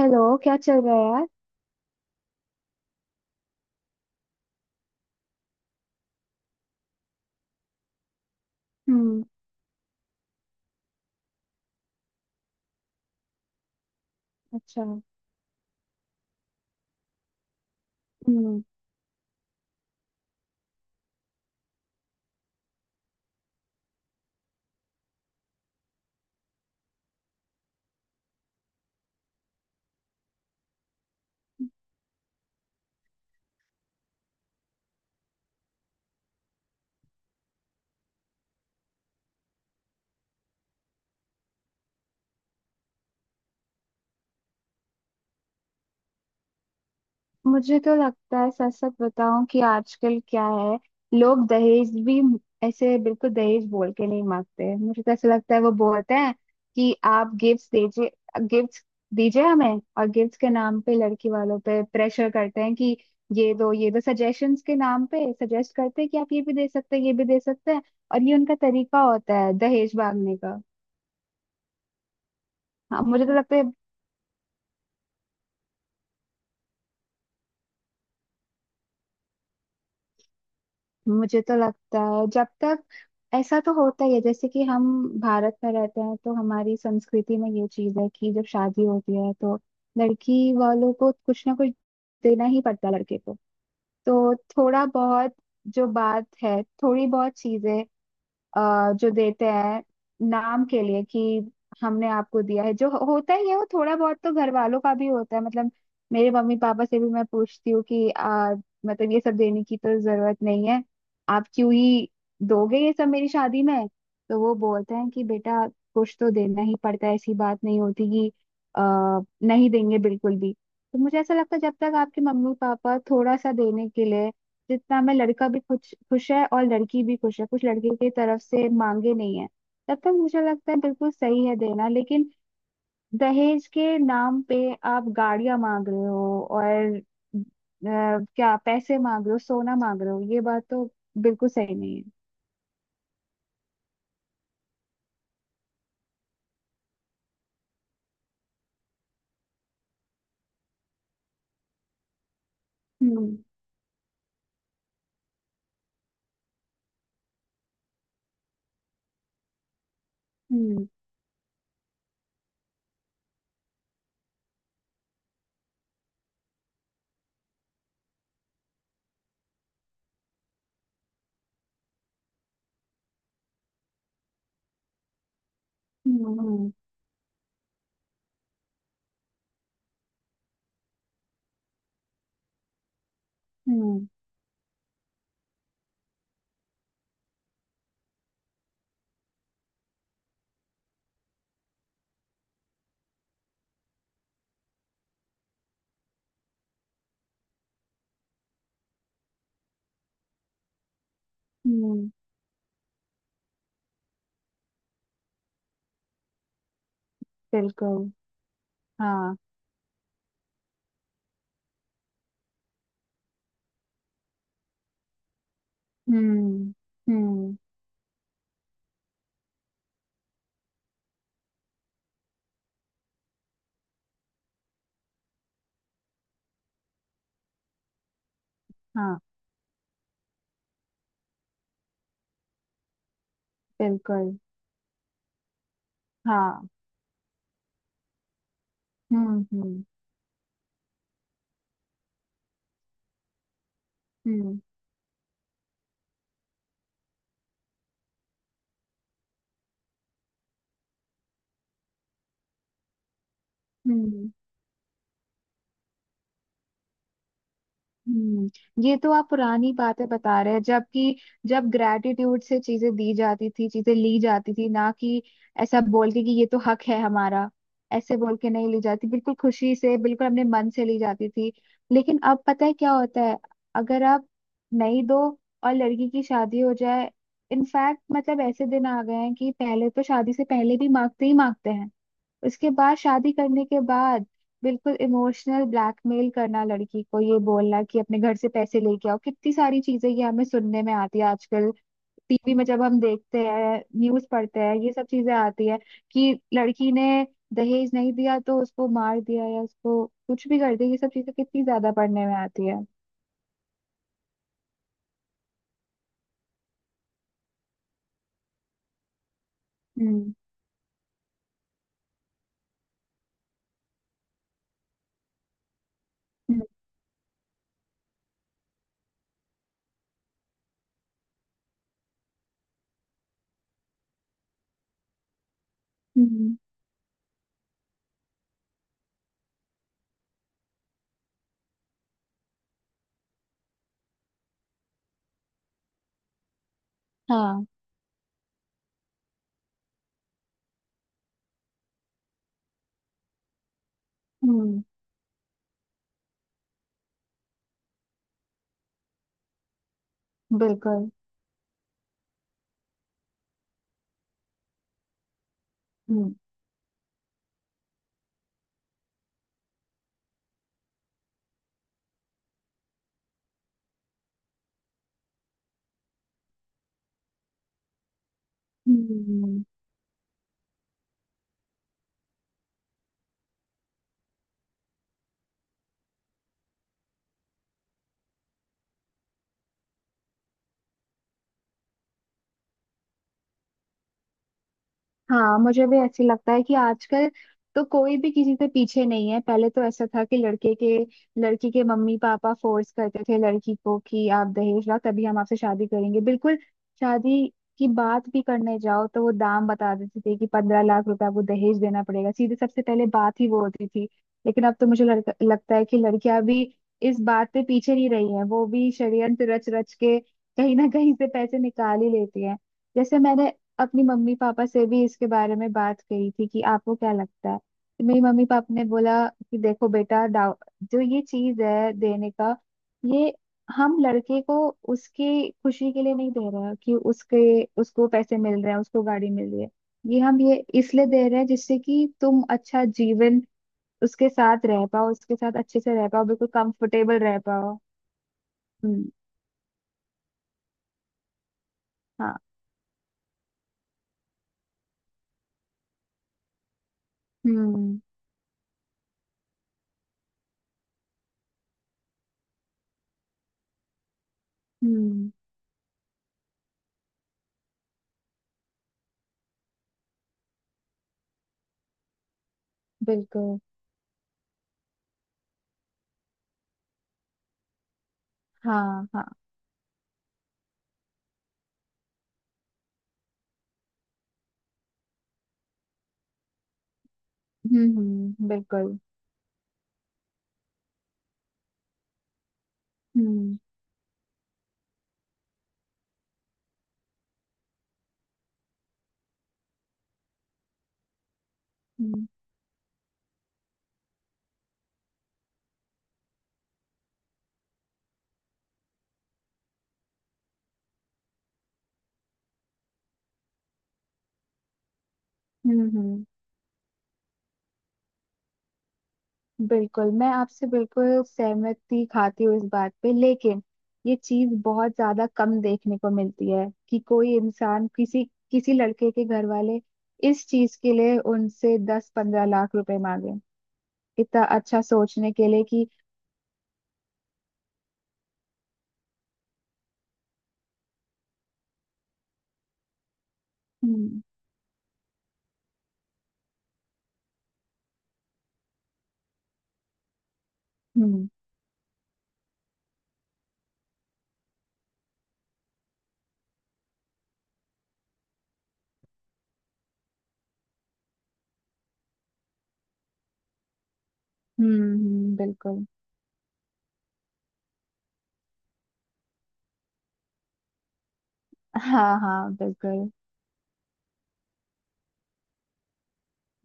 Hello, क्या चल रहा है यार। हम्म। अच्छा। हम्म। मुझे तो लगता है, सच सच बताऊं कि आजकल क्या है, लोग दहेज भी ऐसे बिल्कुल दहेज बोल के नहीं मांगते, मुझे तो ऐसा लगता है। वो बोलते हैं कि आप गिफ्ट्स दीजिए, गिफ्ट्स दीजिए हमें। और गिफ्ट्स के नाम पे लड़की वालों पे प्रेशर करते हैं कि ये दो, ये दो, सजेशंस के नाम पे सजेस्ट करते हैं कि आप ये भी दे सकते हैं, ये भी दे सकते हैं। और ये उनका तरीका होता है दहेज मांगने का। हाँ, मुझे तो लगता है जब तक ऐसा तो होता ही है, जैसे कि हम भारत में रहते हैं तो हमारी संस्कृति में ये चीज है कि जब शादी होती है तो लड़की वालों को कुछ ना कुछ देना ही पड़ता है लड़के को। तो थोड़ा बहुत, जो बात है थोड़ी बहुत चीजें जो देते हैं नाम के लिए कि हमने आपको दिया है, जो होता ही है। वो थोड़ा बहुत तो घर वालों का भी होता है। मतलब मेरे मम्मी पापा से भी मैं पूछती हूँ कि मतलब ये सब देने की तो जरूरत नहीं है, आप क्यों ही दोगे ये सब मेरी शादी में। तो वो बोलते हैं कि बेटा, कुछ तो देना ही पड़ता है, ऐसी बात नहीं होती कि अ, नहीं देंगे बिल्कुल भी। तो मुझे ऐसा लगता है, जब तक आपके मम्मी पापा थोड़ा सा देने के लिए, जितना में लड़का भी खुश खुश है और लड़की भी खुश है, कुछ लड़के की तरफ से मांगे नहीं है, तब तक मुझे लगता है बिल्कुल सही है देना। लेकिन दहेज के नाम पे आप गाड़ियां मांग रहे हो और अ, क्या पैसे मांग रहे हो, सोना मांग रहे हो, ये बात तो बिल्कुल सही नहीं है। हम्म। हम्म। हम्म। हम्म। हम्म। हम्म, बिल्कुल। हाँ। हम्म। हम्म। हाँ, बिल्कुल। हाँ। हम्म। हम्म। हम्म। हम्म। हम्म, ये तो आप पुरानी बातें बता रहे हैं, जबकि जब ग्रेटिट्यूड से चीजें दी जाती थी, चीजें ली जाती थी, ना कि ऐसा बोल के कि ये तो हक है हमारा। ऐसे बोल के नहीं ली जाती, बिल्कुल खुशी से, बिल्कुल अपने मन से ली जाती थी। लेकिन अब पता है क्या होता है, अगर आप नहीं दो और लड़की की शादी हो जाए। इनफैक्ट मतलब ऐसे दिन आ गए हैं कि पहले तो शादी से पहले भी मांगते ही मांगते हैं, उसके बाद शादी करने के बाद बिल्कुल इमोशनल ब्लैकमेल करना लड़की को, ये बोलना कि अपने घर से पैसे लेके आओ। कितनी सारी चीजें ये हमें सुनने में आती है आजकल, टीवी में जब हम देखते हैं, न्यूज पढ़ते हैं, ये सब चीजें आती है कि लड़की ने दहेज नहीं दिया तो उसको मार दिया या उसको कुछ भी कर दिया। ये सब चीजें कितनी ज्यादा पढ़ने में आती है। हम्म। हम्म। हम्म। हाँ। हम्म। बिल्कुल। हम्म। हम्म। हाँ, मुझे भी ऐसे लगता है कि आजकल तो कोई भी किसी से पीछे नहीं है। पहले तो ऐसा था कि लड़के के, लड़की के मम्मी पापा फोर्स करते थे लड़की को कि आप दहेज लाओ तभी हम आपसे शादी करेंगे। बिल्कुल शादी की बात भी करने जाओ तो वो दाम बता देते थे कि 15 लाख रुपए आपको दहेज देना पड़ेगा, सीधे सबसे पहले बात ही वो होती थी। लेकिन अब तो मुझे लगता है कि लड़कियां भी इस बात पे पीछे नहीं रही हैं, वो भी षड्यंत्र रच रच के कहीं ना कहीं से पैसे निकाल ही लेती हैं। जैसे मैंने अपनी मम्मी पापा से भी इसके बारे में बात करी थी कि आपको क्या लगता है, तो मेरी मम्मी पापा ने बोला कि देखो बेटा, दाव जो ये चीज है देने का, ये हम लड़के को उसकी खुशी के लिए नहीं दे रहे हैं कि उसके, उसको पैसे मिल रहे हैं, उसको गाड़ी मिल रही है। ये हम ये इसलिए दे रहे हैं जिससे कि तुम अच्छा जीवन उसके साथ रह पाओ, उसके साथ अच्छे से रह पाओ, बिल्कुल कंफर्टेबल रह पाओ। हम्म। हाँ। हम्म। हम्म। बिल्कुल। हाँ। हाँ। हम्म। हम्म। बिल्कुल। हम्म। हम्म। हम्म। बिल्कुल। मैं आपसे बिल्कुल सहमति खाती हूँ इस बात पे, लेकिन ये चीज बहुत ज्यादा कम देखने को मिलती है कि कोई इंसान, किसी किसी लड़के के घर वाले, इस चीज के लिए उनसे 10-15 लाख रुपए मांगे, इतना अच्छा सोचने के लिए कि। हम्म। हम्म। हम्म। बिल्कुल। हाँ। हाँ। बिल्कुल।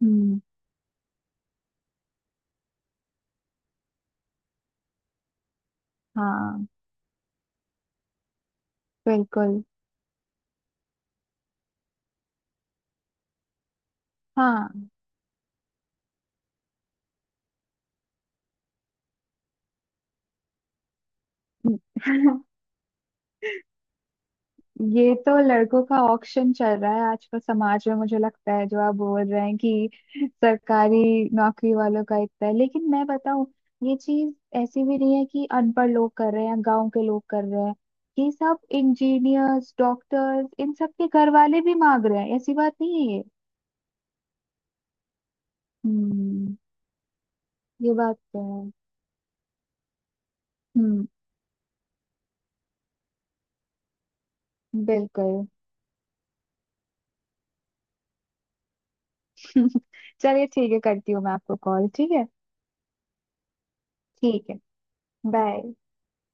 हम्म। हाँ। बिल्कुल। हाँ। ये तो लड़कों का ऑक्शन चल रहा है आजकल समाज में, मुझे लगता है। जो आप बोल रहे हैं कि सरकारी नौकरी वालों का इतना है, लेकिन मैं बताऊं, ये चीज ऐसी भी नहीं है कि अनपढ़ लोग कर रहे हैं, गांव के लोग कर रहे हैं। ये सब इंजीनियर्स, डॉक्टर्स, इन सब के घर वाले भी मांग रहे हैं, ऐसी बात नहीं है ये। हम्म। ये बात तो है। हम्म। बिल्कुल। चलिए ठीक है, करती हूँ मैं आपको कॉल। ठीक है। ठीक है। बाय।